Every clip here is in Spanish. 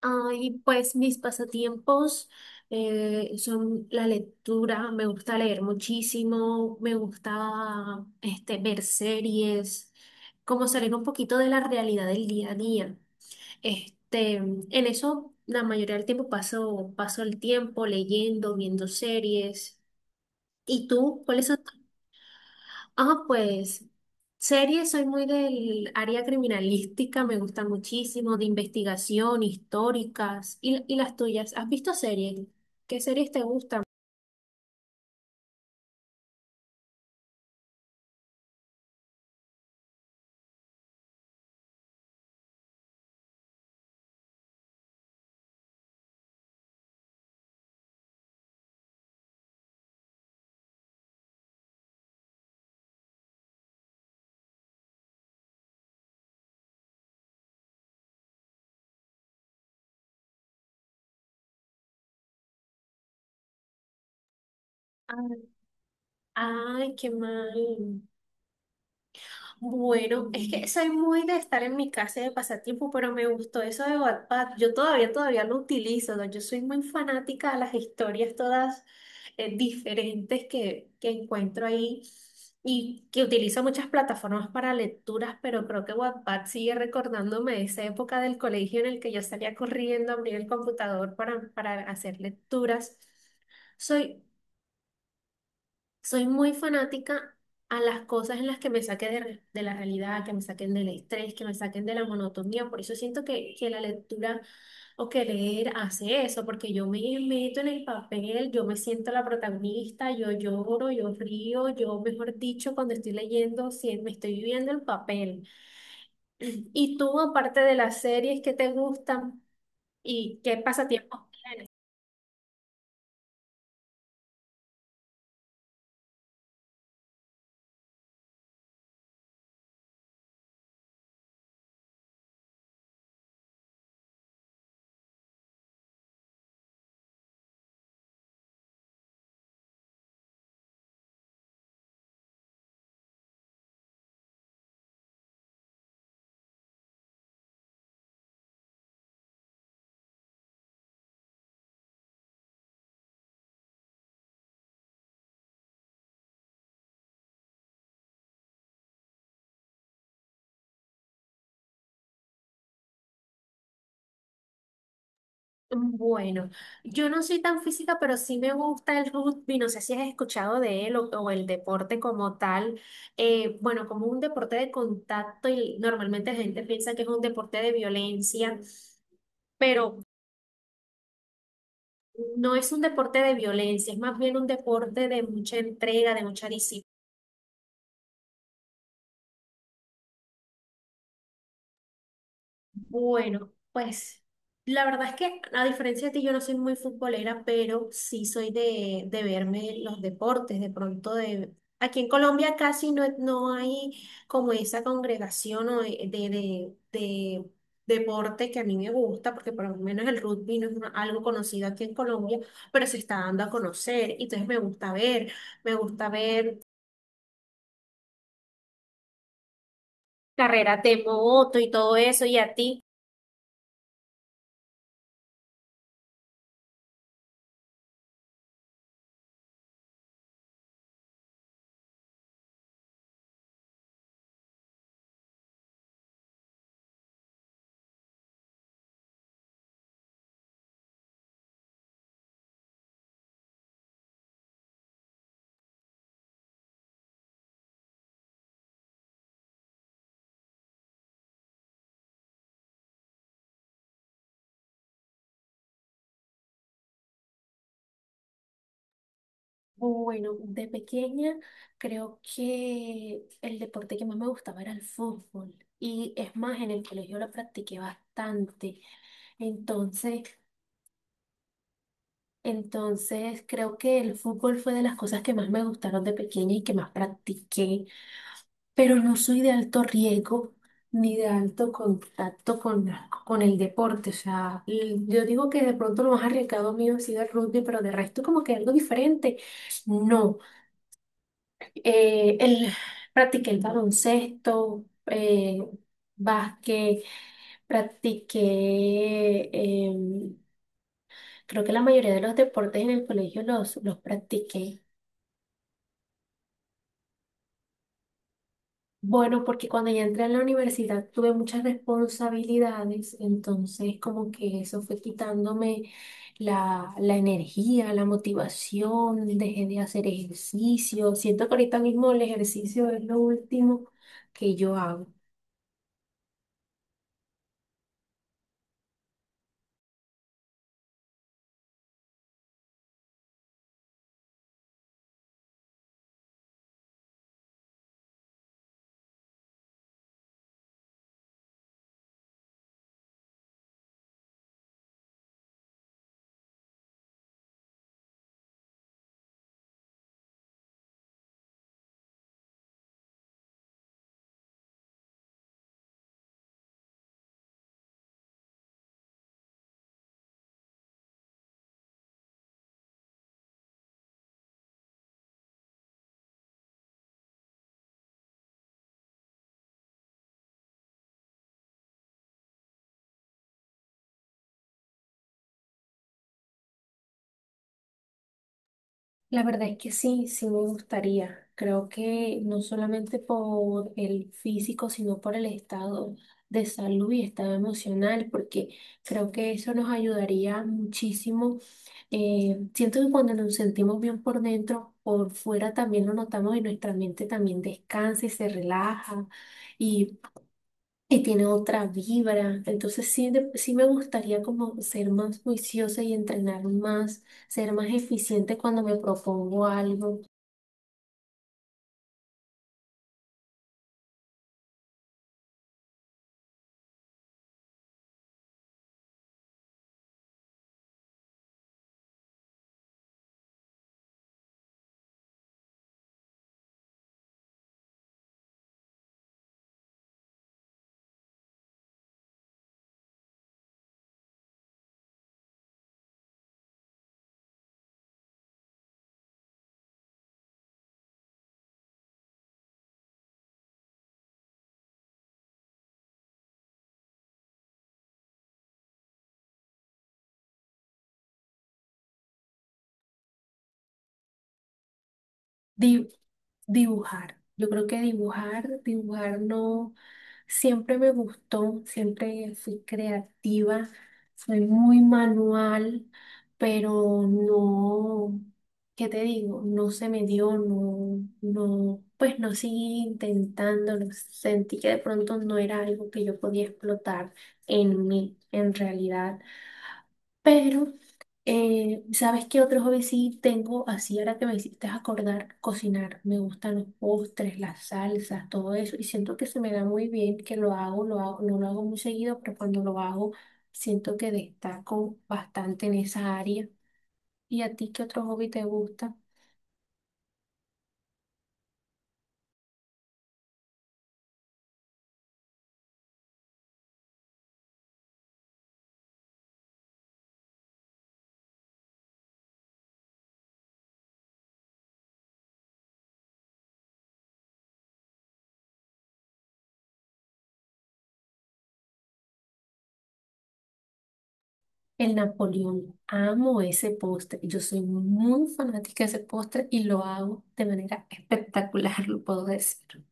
Ay, pues mis pasatiempos son la lectura, me gusta leer muchísimo, me gusta ver series, como salir un poquito de la realidad del día a día. En eso la mayoría del tiempo paso el tiempo leyendo, viendo series. ¿Y tú? ¿Cuáles son? Ah, pues series, soy muy del área criminalística, me gustan muchísimo, de investigación, históricas. ¿Y las tuyas? ¿Has visto series? ¿Qué series te gustan? Ah, ay, qué mal. Bueno, es que soy muy de estar en mi casa y de pasatiempo, pero me gustó eso de Wattpad. Yo todavía lo utilizo, ¿no? Yo soy muy fanática de las historias todas diferentes que encuentro ahí y que utilizo muchas plataformas para lecturas, pero creo que Wattpad sigue recordándome esa época del colegio en el que yo salía corriendo a abrir el computador para hacer lecturas. Soy Soy muy fanática a las cosas en las que me saquen de, de la realidad, que me saquen del estrés, que me saquen de la monotonía. Por eso siento que la lectura o que leer hace eso, porque yo me meto en el papel, yo me siento la protagonista, yo lloro, yo río, yo, mejor dicho, cuando estoy leyendo, sí, me estoy viviendo el papel. Y tú, aparte de las series que te gustan y qué pasatiempos. Bueno, yo no soy tan física, pero sí me gusta el rugby. No sé si has escuchado de él o el deporte como tal. Bueno, como un deporte de contacto y normalmente la gente piensa que es un deporte de violencia, pero no es un deporte de violencia, es más bien un deporte de mucha entrega, de mucha disciplina. Bueno, pues la verdad es que a diferencia de ti yo no soy muy futbolera, pero sí soy de verme los deportes, de pronto de... Aquí en Colombia casi no hay como esa congregación o de deporte que a mí me gusta, porque por lo menos el rugby no es algo conocido aquí en Colombia, pero se está dando a conocer, y entonces me gusta ver carreras de moto y todo eso, ¿y a ti? Bueno, de pequeña creo que el deporte que más me gustaba era el fútbol y es más, en el colegio lo practiqué bastante. Entonces, entonces creo que el fútbol fue de las cosas que más me gustaron de pequeña y que más practiqué, pero no soy de alto riesgo ni de alto contacto con, con el deporte. O sea, yo digo que de pronto lo más arriesgado mío ha sido el rugby, pero de resto como que algo diferente. No. Eh, el, Practiqué el baloncesto, básquet, practiqué, em, creo que la mayoría de los deportes en el colegio los practiqué. Bueno, porque cuando ya entré a la universidad tuve muchas responsabilidades, entonces como que eso fue quitándome la energía, la motivación, dejé de hacer ejercicio. Siento que ahorita mismo el ejercicio es lo último que yo hago. La verdad es que sí, sí me gustaría. Creo que no solamente por el físico, sino por el estado de salud y estado emocional, porque creo que eso nos ayudaría muchísimo. Siento que cuando nos sentimos bien por dentro, por fuera también lo notamos y nuestra mente también descansa y se relaja y tiene otra vibra. Entonces sí, sí me gustaría como ser más juiciosa y entrenar más, ser más eficiente cuando me propongo algo. Di- Dibujar. Yo creo que dibujar no siempre me gustó, siempre fui creativa, soy muy manual, pero no, ¿qué te digo? No se me dio, no, no, pues no seguí intentando, sentí que de pronto no era algo que yo podía explotar en mí, en realidad. Pero, ¿sabes qué otro hobby sí tengo? Así ahora que me hiciste acordar, cocinar. Me gustan los postres, las salsas, todo eso. Y siento que se me da muy bien, que lo hago, no lo hago muy seguido, pero cuando lo hago, siento que destaco bastante en esa área. ¿Y a ti qué otro hobby te gusta? El Napoleón. Amo ese postre. Yo soy muy fanática de ese postre y lo hago de manera espectacular, lo puedo decir.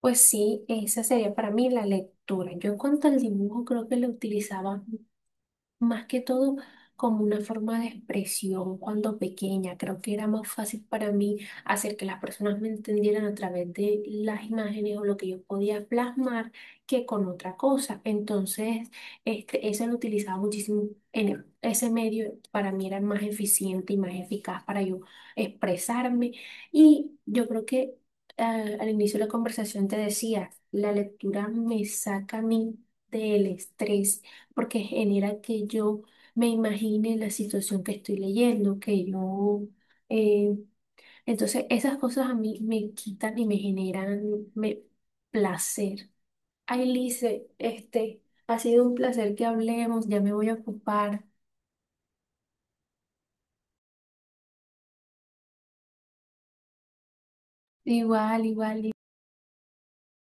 Pues sí, esa sería para mí la lectura. Yo en cuanto al dibujo creo que lo utilizaba. Más que todo como una forma de expresión cuando pequeña. Creo que era más fácil para mí hacer que las personas me entendieran a través de las imágenes o lo que yo podía plasmar que con otra cosa. Entonces, eso lo utilizaba muchísimo en ese medio. Para mí era más eficiente y más eficaz para yo expresarme. Y yo creo que al inicio de la conversación te decía, la lectura me saca a mí del estrés porque genera que yo me imagine la situación que estoy leyendo, que yo... eh, entonces esas cosas a mí me quitan y me generan me- placer. Ay, Lice, ha sido un placer que hablemos, ya me voy a ocupar. Igual, igual.